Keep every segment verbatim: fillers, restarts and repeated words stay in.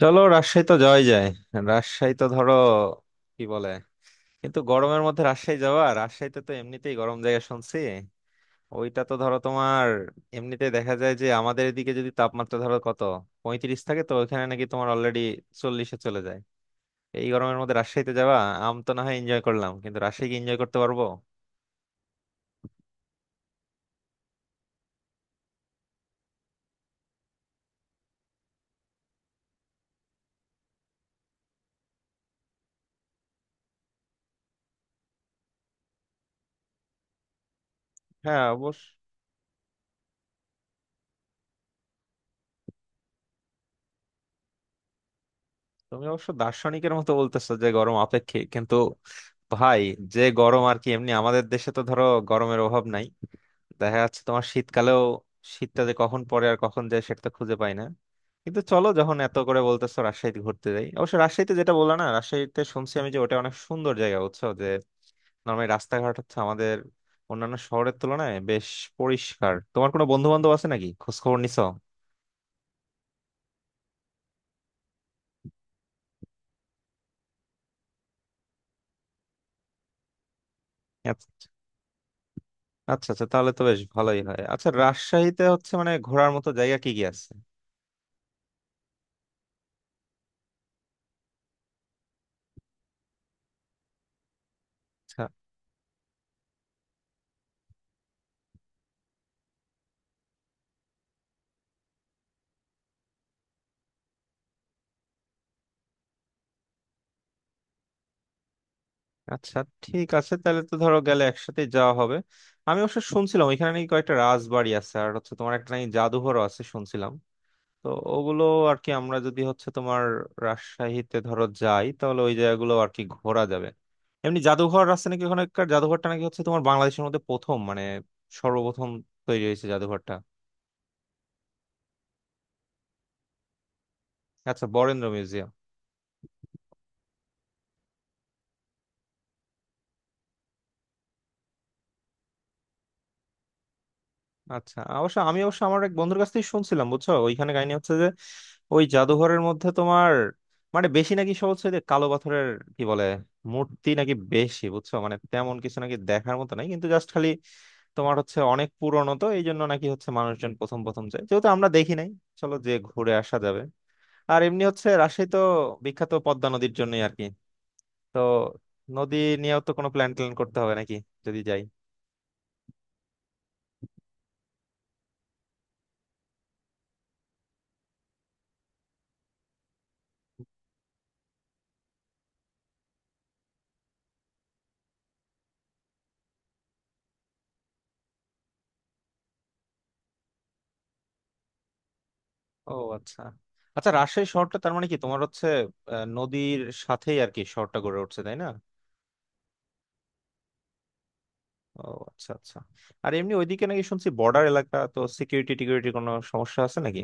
চলো রাজশাহী তো যাওয়াই যায়। রাজশাহী তো ধরো কি বলে কিন্তু গরমের মধ্যে রাজশাহী যাওয়া, রাজশাহীতে তো এমনিতেই গরম জায়গা শুনছি। ওইটা তো ধরো তোমার এমনিতেই দেখা যায় যে আমাদের এদিকে যদি তাপমাত্রা ধরো কত পঁয়ত্রিশ থাকে তো ওইখানে নাকি তোমার অলরেডি চল্লিশে চলে যায়। এই গরমের মধ্যে রাজশাহীতে যাওয়া, আম তো না হয় এনজয় করলাম কিন্তু রাজশাহী কি এনজয় করতে পারবো? হ্যাঁ অবশ্য। তুমি অবশ্য দার্শনিকের মতো বলতেছো যে গরম আপেক্ষিক, কিন্তু ভাই যে গরম আর কি, এমনি আমাদের দেশে তো ধরো গরমের অভাব নাই। দেখা যাচ্ছে তোমার শীতকালেও শীতটা যে কখন পড়ে আর কখন যায় সেটা তো খুঁজে পাই না। কিন্তু চলো যখন এত করে বলতেছো রাজশাহীতে ঘুরতে যাই। অবশ্য রাজশাহীতে যেটা বললা না, রাজশাহীতে শুনছি আমি যে ওটা অনেক সুন্দর জায়গা, বুঝছো যে নর্মালি রাস্তাঘাট হচ্ছে আমাদের অন্যান্য শহরের তুলনায় বেশ পরিষ্কার। তোমার কোনো বন্ধু বান্ধব আছে নাকি, খোঁজ খবর নিছো? আচ্ছা। আচ্ছা আচ্ছা, তাহলে তো বেশ ভালোই হয়। আচ্ছা রাজশাহীতে হচ্ছে মানে ঘোরার মতো জায়গা কি কি আছে? আচ্ছা। আচ্ছা ঠিক আছে, তাহলে তো ধরো গেলে একসাথে যাওয়া হবে। আমি অবশ্য শুনছিলাম এখানে নাকি কয়েকটা রাজবাড়ি আছে, আর হচ্ছে তোমার একটা নাকি জাদুঘরও আছে শুনছিলাম। তো ওগুলো আর কি আমরা যদি হচ্ছে তোমার রাজশাহীতে ধরো যাই, তাহলে ওই জায়গাগুলো আর কি ঘোরা যাবে। এমনি জাদুঘর আছে নাকি, ওখানকার জাদুঘরটা নাকি হচ্ছে তোমার বাংলাদেশের মধ্যে প্রথম মানে সর্বপ্রথম তৈরি হয়েছে জাদুঘরটা। আচ্ছা বরেন্দ্র মিউজিয়াম। আচ্ছা অবশ্য আমি অবশ্য আমার এক বন্ধুর কাছ থেকে শুনছিলাম বুঝছো, ওইখানে কাহিনী হচ্ছে যে ওই জাদুঘরের মধ্যে তোমার মানে বেশি নাকি সব হচ্ছে যে কালো পাথরের কি বলে মূর্তি নাকি বেশি, বুঝছো মানে তেমন কিছু নাকি দেখার মতো নাই, কিন্তু জাস্ট খালি তোমার হচ্ছে অনেক পুরনো, তো এই জন্য নাকি হচ্ছে মানুষজন প্রথম প্রথম যায়। যেহেতু আমরা দেখি নাই চলো যে ঘুরে আসা যাবে। আর এমনি হচ্ছে রাজশাহী তো বিখ্যাত পদ্মা নদীর জন্যই আর কি। তো নদী নিয়েও তো কোনো প্ল্যান ট্যান করতে হবে নাকি যদি যাই। ও আচ্ছা আচ্ছা, রাজশাহী শহরটা তার মানে কি তোমার হচ্ছে আহ, নদীর সাথেই আর কি শহরটা গড়ে উঠছে, তাই না? ও আচ্ছা আচ্ছা। আর এমনি ওইদিকে নাকি শুনছি বর্ডার এলাকা, তো সিকিউরিটি টিকিউরিটির কোনো সমস্যা আছে নাকি?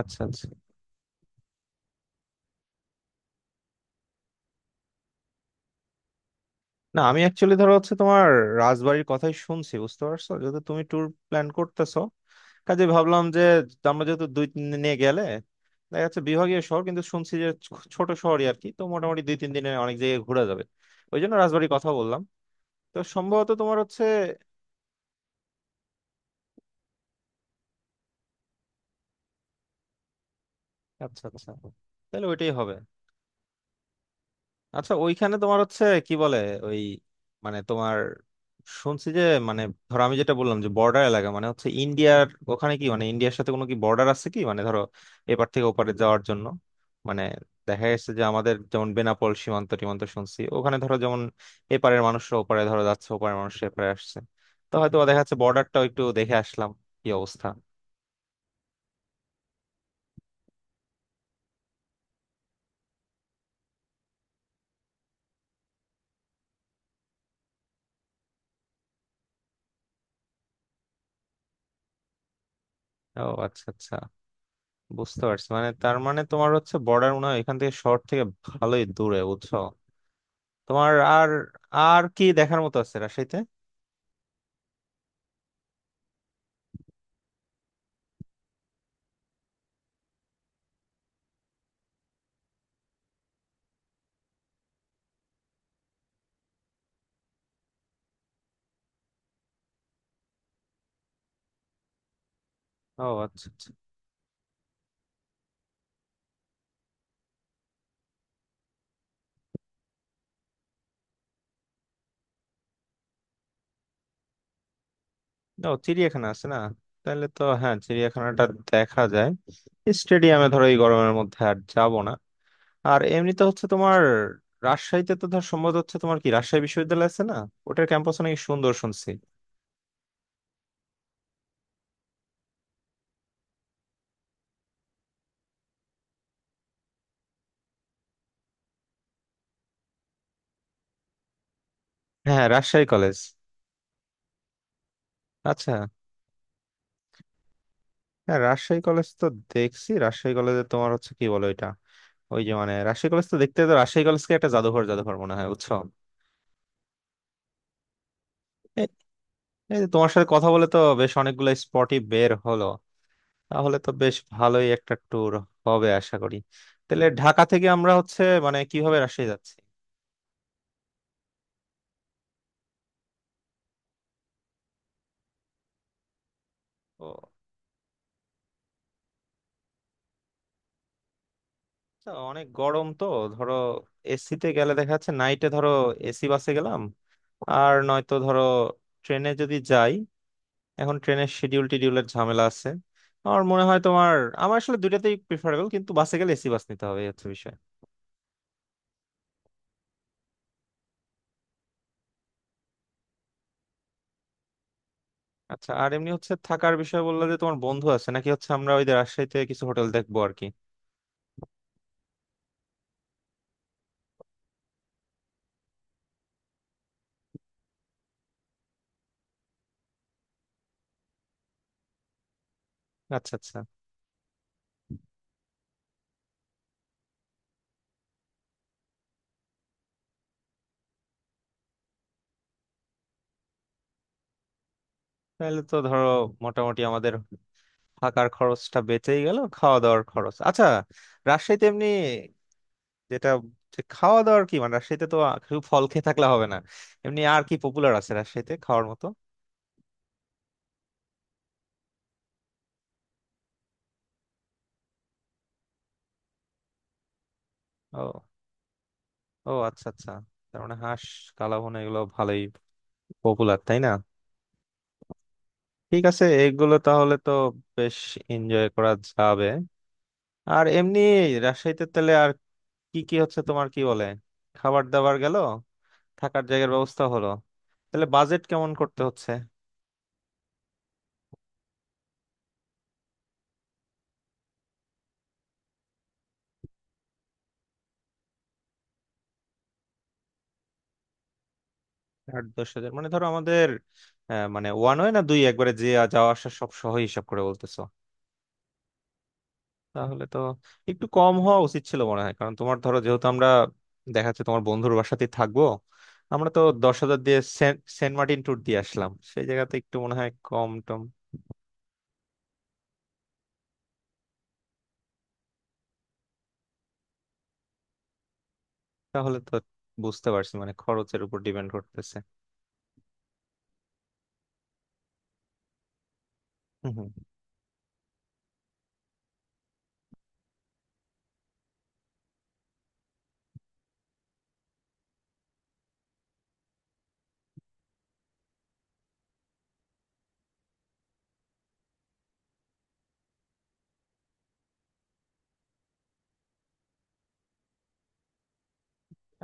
আচ্ছা আচ্ছা। না আমি অ্যাকচুয়ালি ধরো হচ্ছে তোমার রাজবাড়ির কথাই শুনছি, বুঝতে পারছো, যেহেতু তুমি ট্যুর প্ল্যান করতেছো, কাজে ভাবলাম যে আমরা যেহেতু দুই তিন দিন নিয়ে গেলে দেখা যাচ্ছে বিভাগীয় শহর কিন্তু শুনছি যে ছ- ছোট শহরই আর কি, তো মোটামুটি দুই তিন দিনে অনেক জায়গায় ঘোরা যাবে, ওই জন্য রাজবাড়ির কথা বললাম। তো সম্ভবত তোমার হচ্ছে। আচ্ছা আচ্ছা, তাহলে ওইটাই হবে। আচ্ছা ওইখানে তোমার হচ্ছে কি বলে ওই মানে তোমার শুনছি যে মানে ধরো আমি যেটা বললাম যে বর্ডার এলাকা মানে হচ্ছে ইন্ডিয়ার, ওখানে কি মানে ইন্ডিয়ার সাথে কোনো কি বর্ডার আছে কি, মানে ধরো এপার থেকে ওপারে যাওয়ার জন্য মানে দেখা যাচ্ছে যে আমাদের যেমন বেনাপোল সীমান্ত টিমান্ত শুনছি, ওখানে ধরো যেমন এপারের মানুষরা ওপারে ধরো যাচ্ছে, ওপারের মানুষ এপারে আসছে, তো হয়তো দেখা যাচ্ছে বর্ডারটাও একটু দেখে আসলাম কি অবস্থা। ও আচ্ছা আচ্ছা, বুঝতে পারছি। মানে তার মানে তোমার হচ্ছে বর্ডার মনে হয় এখান থেকে শহর থেকে ভালোই দূরে বুঝছো তোমার। আর আর কি দেখার মতো আছে রাজশাহীতে? ও আচ্ছা আচ্ছা। ও চিড়িয়াখানা আছে না? তাহলে তো হ্যাঁ চিড়িয়াখানাটা দেখা যায়। স্টেডিয়ামে ধরো এই গরমের মধ্যে আর যাব না। আর এমনিতে হচ্ছে তোমার রাজশাহীতে তো ধর সম্ভবত হচ্ছে তোমার কি রাজশাহী বিশ্ববিদ্যালয় আছে না, ওটার ক্যাম্পাস নাকি সুন্দর শুনছি। হ্যাঁ রাজশাহী কলেজ। আচ্ছা। হ্যাঁ রাজশাহী কলেজ তো দেখছি, রাজশাহী কলেজে তোমার হচ্ছে কি বলো এটা, ওই যে মানে রাজশাহী কলেজ তো দেখতে তো রাজশাহী কলেজকে একটা জাদুঘর জাদুঘর মনে হয় বুঝছো। এই এই যে তোমার সাথে কথা বলে তো বেশ অনেকগুলো স্পটই বের হলো, তাহলে তো বেশ ভালোই একটা ট্যুর হবে আশা করি। তাহলে ঢাকা থেকে আমরা হচ্ছে মানে কিভাবে রাজশাহী যাচ্ছি? ও আচ্ছা, অনেক গরম তো, ধরো এসিতে গেলে দেখা যাচ্ছে নাইটে ধরো এসি বাসে গেলাম, আর নয়তো ধরো ট্রেনে যদি যাই, এখন ট্রেনের শিডিউল টিডিউলের ঝামেলা আছে। আমার মনে হয় তোমার আমার আসলে দুইটাতেই প্রিফারেবল কিন্তু বাসে গেলে এসি বাস নিতে হবে, এই হচ্ছে বিষয়। আচ্ছা আর এমনি হচ্ছে থাকার বিষয় বললে যে তোমার বন্ধু আছে নাকি হচ্ছে আমরা ওই যে রাজশাহীতে কিছু হোটেল দেখবো আর কি। আচ্ছা আচ্ছা, তাহলে তো ধরো মোটামুটি আমাদের থাকার খরচটা বেঁচেই গেল, খাওয়া দাওয়ার খরচ। আচ্ছা রাজশাহীতে এমনি যেটা যে খাওয়া দাওয়ার কি মানে রাজশাহীতে তো শুধু ফল খেয়ে থাকলে হবে না, এমনি আর কি পপুলার আছে রাজশাহীতে খাওয়ার মতো? ও। ও আচ্ছা আচ্ছা, তার মানে হাঁস কালাভুনা এগুলো ভালোই পপুলার তাই না? ঠিক আছে এগুলো তাহলে তো বেশ এনজয় করা যাবে। আর এমনি রাজশাহীতে তাহলে আর কি কি হচ্ছে তোমার কি বলে, খাবার দাবার গেল, থাকার জায়গার ব্যবস্থা হলো, তাহলে বাজেট কেমন করতে হচ্ছে? আট দশ হাজার মানে ধরো আমাদের আহ, মানে ওয়ান ওয়ে না দুই একবারে যে আ- যাওয়া আসা সব সহ হিসাব করে বলতেছো? তাহলে তো একটু কম হওয়া উচিত ছিল মনে হয়, কারণ তোমার ধরো যেহেতু আমরা দেখা যাচ্ছে তোমার বন্ধুর বাসাতেই থাকবো। আমরা তো দশ হাজার দিয়ে সেন্ট সেন্ট মার্টিন ট্যুর দিয়ে আসলাম, সেই জায়গাতে একটু মনে হয় কম টম। তাহলে তো বুঝতে পারছি মানে খরচের উপর ডিপেন্ড করতেছে।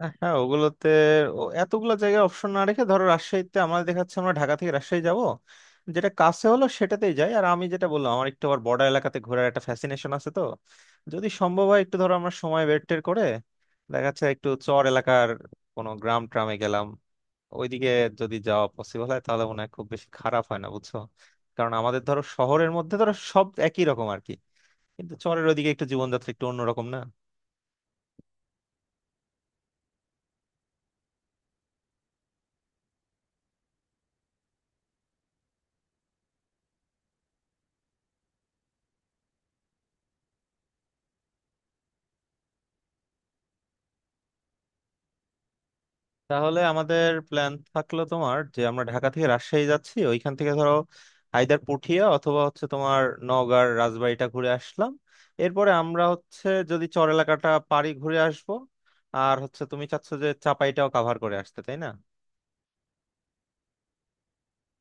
আহ, হ্যাঁ ওগুলোতে ও- এতগুলো জায়গায় অপশন না রেখে ধরো রাজশাহীতে আমার দেখাচ্ছে আমরা ঢাকা থেকে রাজশাহী যাব, যেটা কাছে হলো সেটাতেই যাই। আর আমি যেটা বললাম আমার একটু আবার বর্ডার এলাকাতে ঘোরার একটা ফ্যাসিনেশন আছে, তো যদি সম্ভব হয় একটু ধরো আমরা সময় বের টের করে দেখা যাচ্ছে একটু চর এলাকার কোনো গ্রাম ট্রামে গেলাম ওইদিকে, যদি যাওয়া পসিবল হয় তাহলে মনে হয় খুব বেশি খারাপ হয় না বুঝছো। কারণ আমাদের ধরো শহরের মধ্যে ধরো সব একই রকম আর কি, কিন্তু চরের ওইদিকে একটু জীবনযাত্রা একটু অন্যরকম না। তাহলে আমাদের প্ল্যান থাকলো তোমার যে আমরা ঢাকা থেকে রাজশাহী যাচ্ছি, ওইখান থেকে ধরো আইদার পুঠিয়া অথবা হচ্ছে তোমার নওগাঁর রাজবাড়িটা ঘুরে আসলাম, এরপরে আমরা হচ্ছে যদি চর এলাকাটা পারি ঘুরে আসবো, আর হচ্ছে তুমি চাচ্ছ যে চাপাইটাও কাভার করে আসতে, তাই না?